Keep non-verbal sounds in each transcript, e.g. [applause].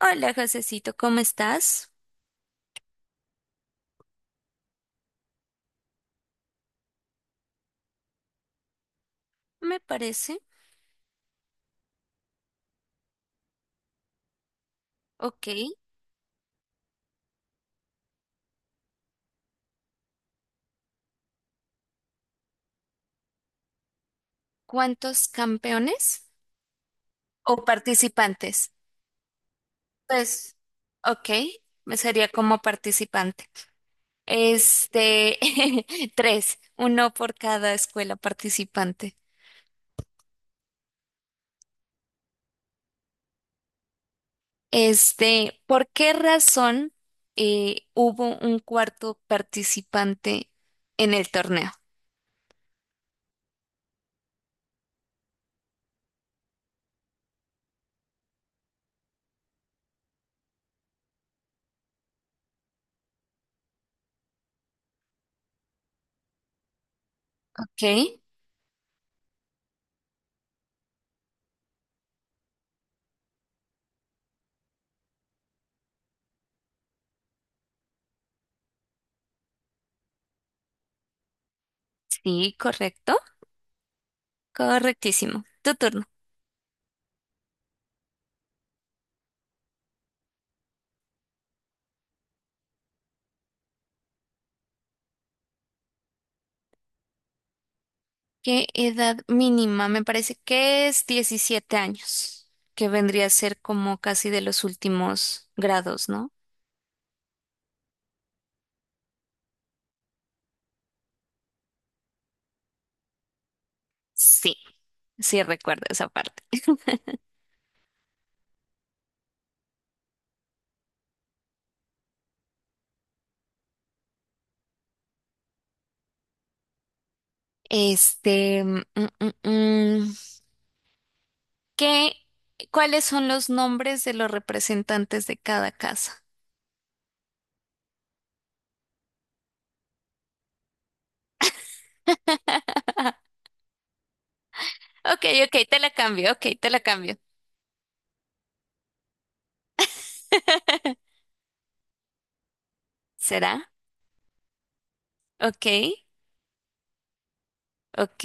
Hola, Josecito, ¿cómo estás? Me parece. Ok. ¿Cuántos campeones o participantes? Pues, ok, me sería como participante. Este, [laughs] tres, uno por cada escuela participante. ¿Por qué razón hubo un cuarto participante en el torneo? Ok, sí, correcto. Correctísimo. Tu turno. ¿Qué edad mínima? Me parece que es 17 años, que vendría a ser como casi de los últimos grados, ¿no? Sí, sí recuerdo esa parte. Este, mm, mm, mm, ¿qué, cuáles son los nombres de los representantes de cada casa? Ok, ok, te la cambio, ok, te la cambio. [laughs] ¿Será? Ok, ok.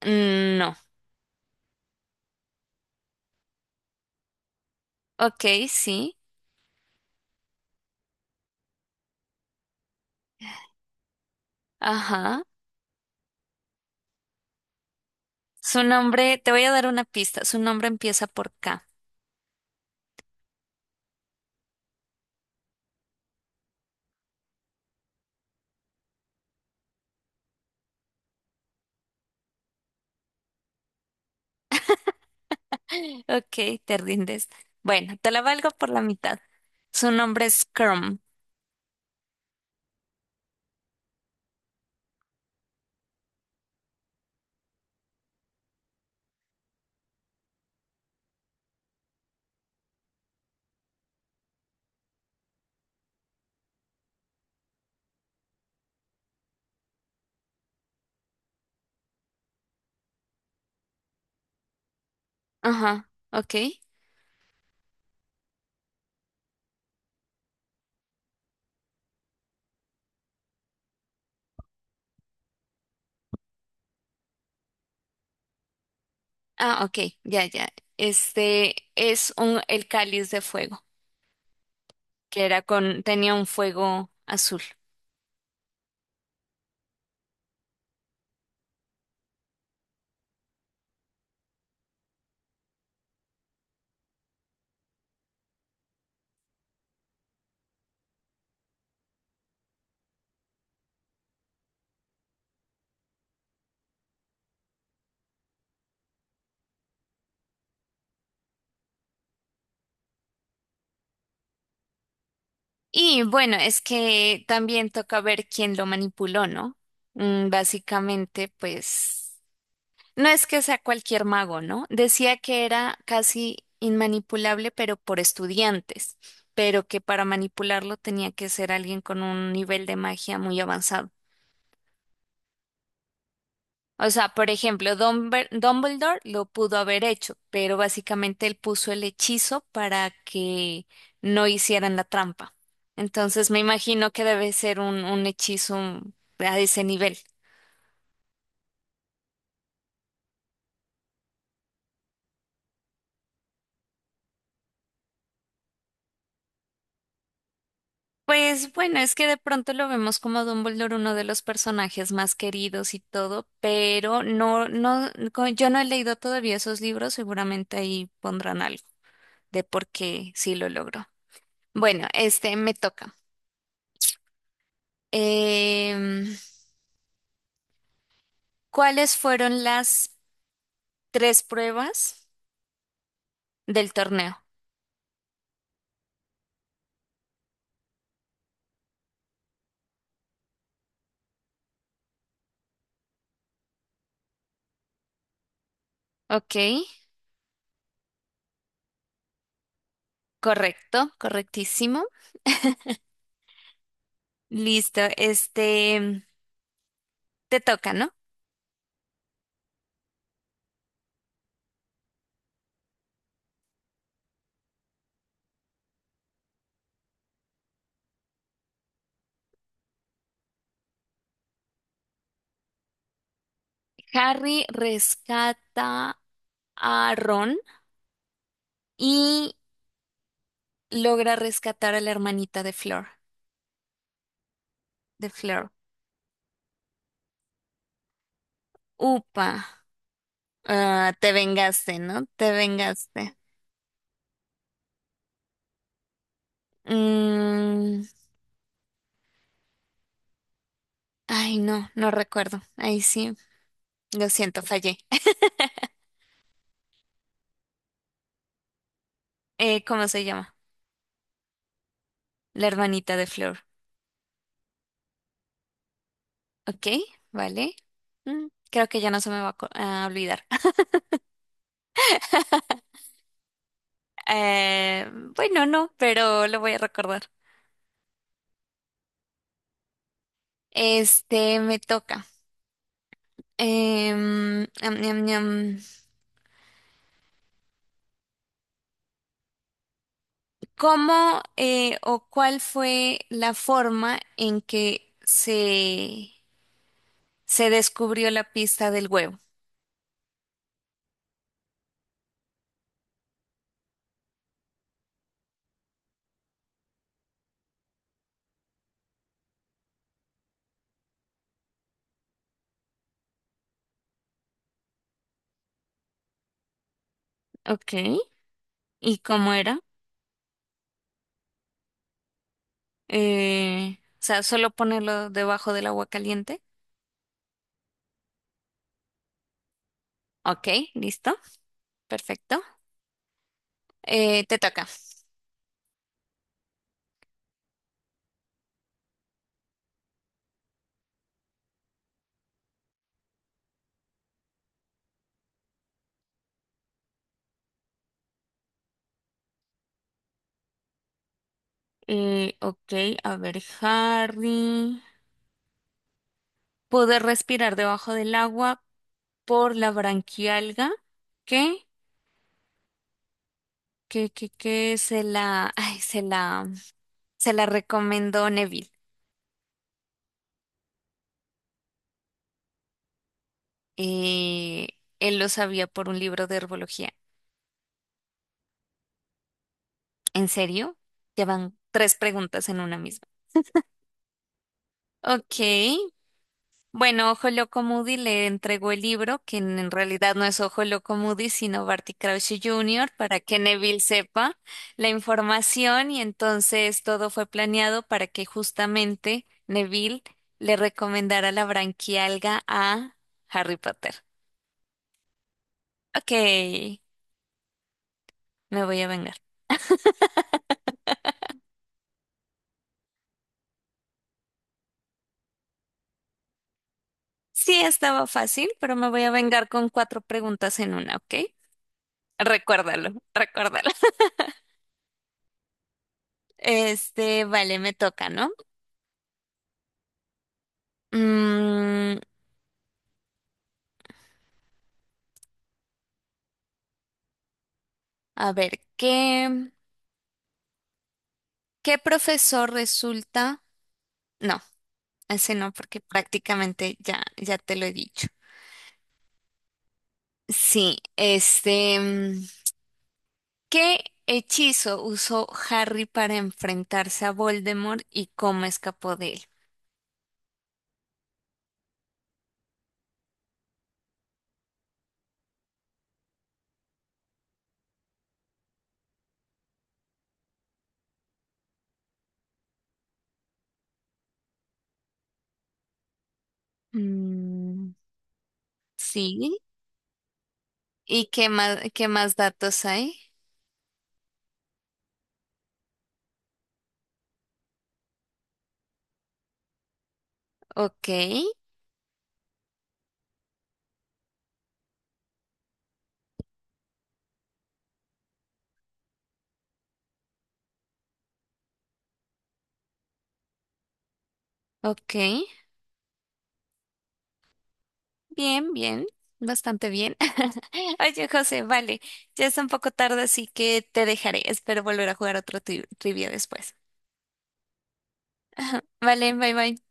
No. Ok, sí. Ajá. Su nombre, te voy a dar una pista. Su nombre empieza por K. [laughs] Ok, te rindes. Bueno, te la valgo por la mitad. Su nombre es Chrome. Ajá, ok. Ah, ok, ya, ya. Este es el cáliz de fuego, que era tenía un fuego azul. Y bueno, es que también toca ver quién lo manipuló, ¿no? Mm, básicamente, pues. No es que sea cualquier mago, ¿no? Decía que era casi inmanipulable, pero por estudiantes, pero que para manipularlo tenía que ser alguien con un nivel de magia muy avanzado. O sea, por ejemplo, Dumbledore lo pudo haber hecho, pero básicamente él puso el hechizo para que no hicieran la trampa. Entonces me imagino que debe ser un hechizo a ese nivel. Pues bueno, es que de pronto lo vemos como Dumbledore, uno de los personajes más queridos y todo, pero no, no, yo no he leído todavía esos libros, seguramente ahí pondrán algo de por qué sí lo logró. Bueno, este me toca. Em, ¿Cuáles fueron las tres pruebas del torneo? Ok, correcto, correctísimo. Listo, este te toca, ¿no? Harry rescata a Ron y logra rescatar a la hermanita de Flor, de Flor. Upa, ah, te vengaste, ¿no? Te vengaste. Mm, ay, no, no recuerdo. Ahí sí, lo siento, fallé. [laughs] ¿Cómo se llama? La hermanita de Flor. Ok, vale. Mm, creo que ya no se me va a a olvidar. [laughs] Eh, bueno, no, pero lo voy a recordar. Este, me toca. Em, am, am, am. ¿Cómo o cuál fue la forma en que se descubrió la pista del huevo? Ok. ¿Y cómo era? O sea, solo ponerlo debajo del agua caliente. Ok, listo. Perfecto. Te toca. Ok, a ver, Harry. Poder respirar debajo del agua por la branquialga. Ok. Que se la, [laughs] ay, se la recomendó Neville. Eh, él lo sabía por un libro de herbología. ¿En serio? Ya van tres preguntas en una misma. Ok. Bueno, Ojo Loco Moody le entregó el libro, que en realidad no es Ojo Loco Moody, sino Barty Crouch Jr., para que Neville sepa la información y entonces todo fue planeado para que justamente Neville le recomendara la branquialga a Harry Potter. Ok, me voy a vengar. Sí, estaba fácil, pero me voy a vengar con cuatro preguntas en una, ¿ok? Recuérdalo, recuérdalo. [laughs] Este, vale, me toca, ¿no? Mm, A ver, ¿ qué profesor resulta? No, ese no, porque prácticamente ya, ya te lo he dicho. Sí, ¿qué hechizo usó Harry para enfrentarse a Voldemort y cómo escapó de él? Mm, sí, ¿y qué más datos hay? Ok, ok. Bien, bien, bastante bien. [laughs] Oye, José, vale, ya es un poco tarde, así que te dejaré. Espero volver a jugar otro trivia después. Vale, bye bye.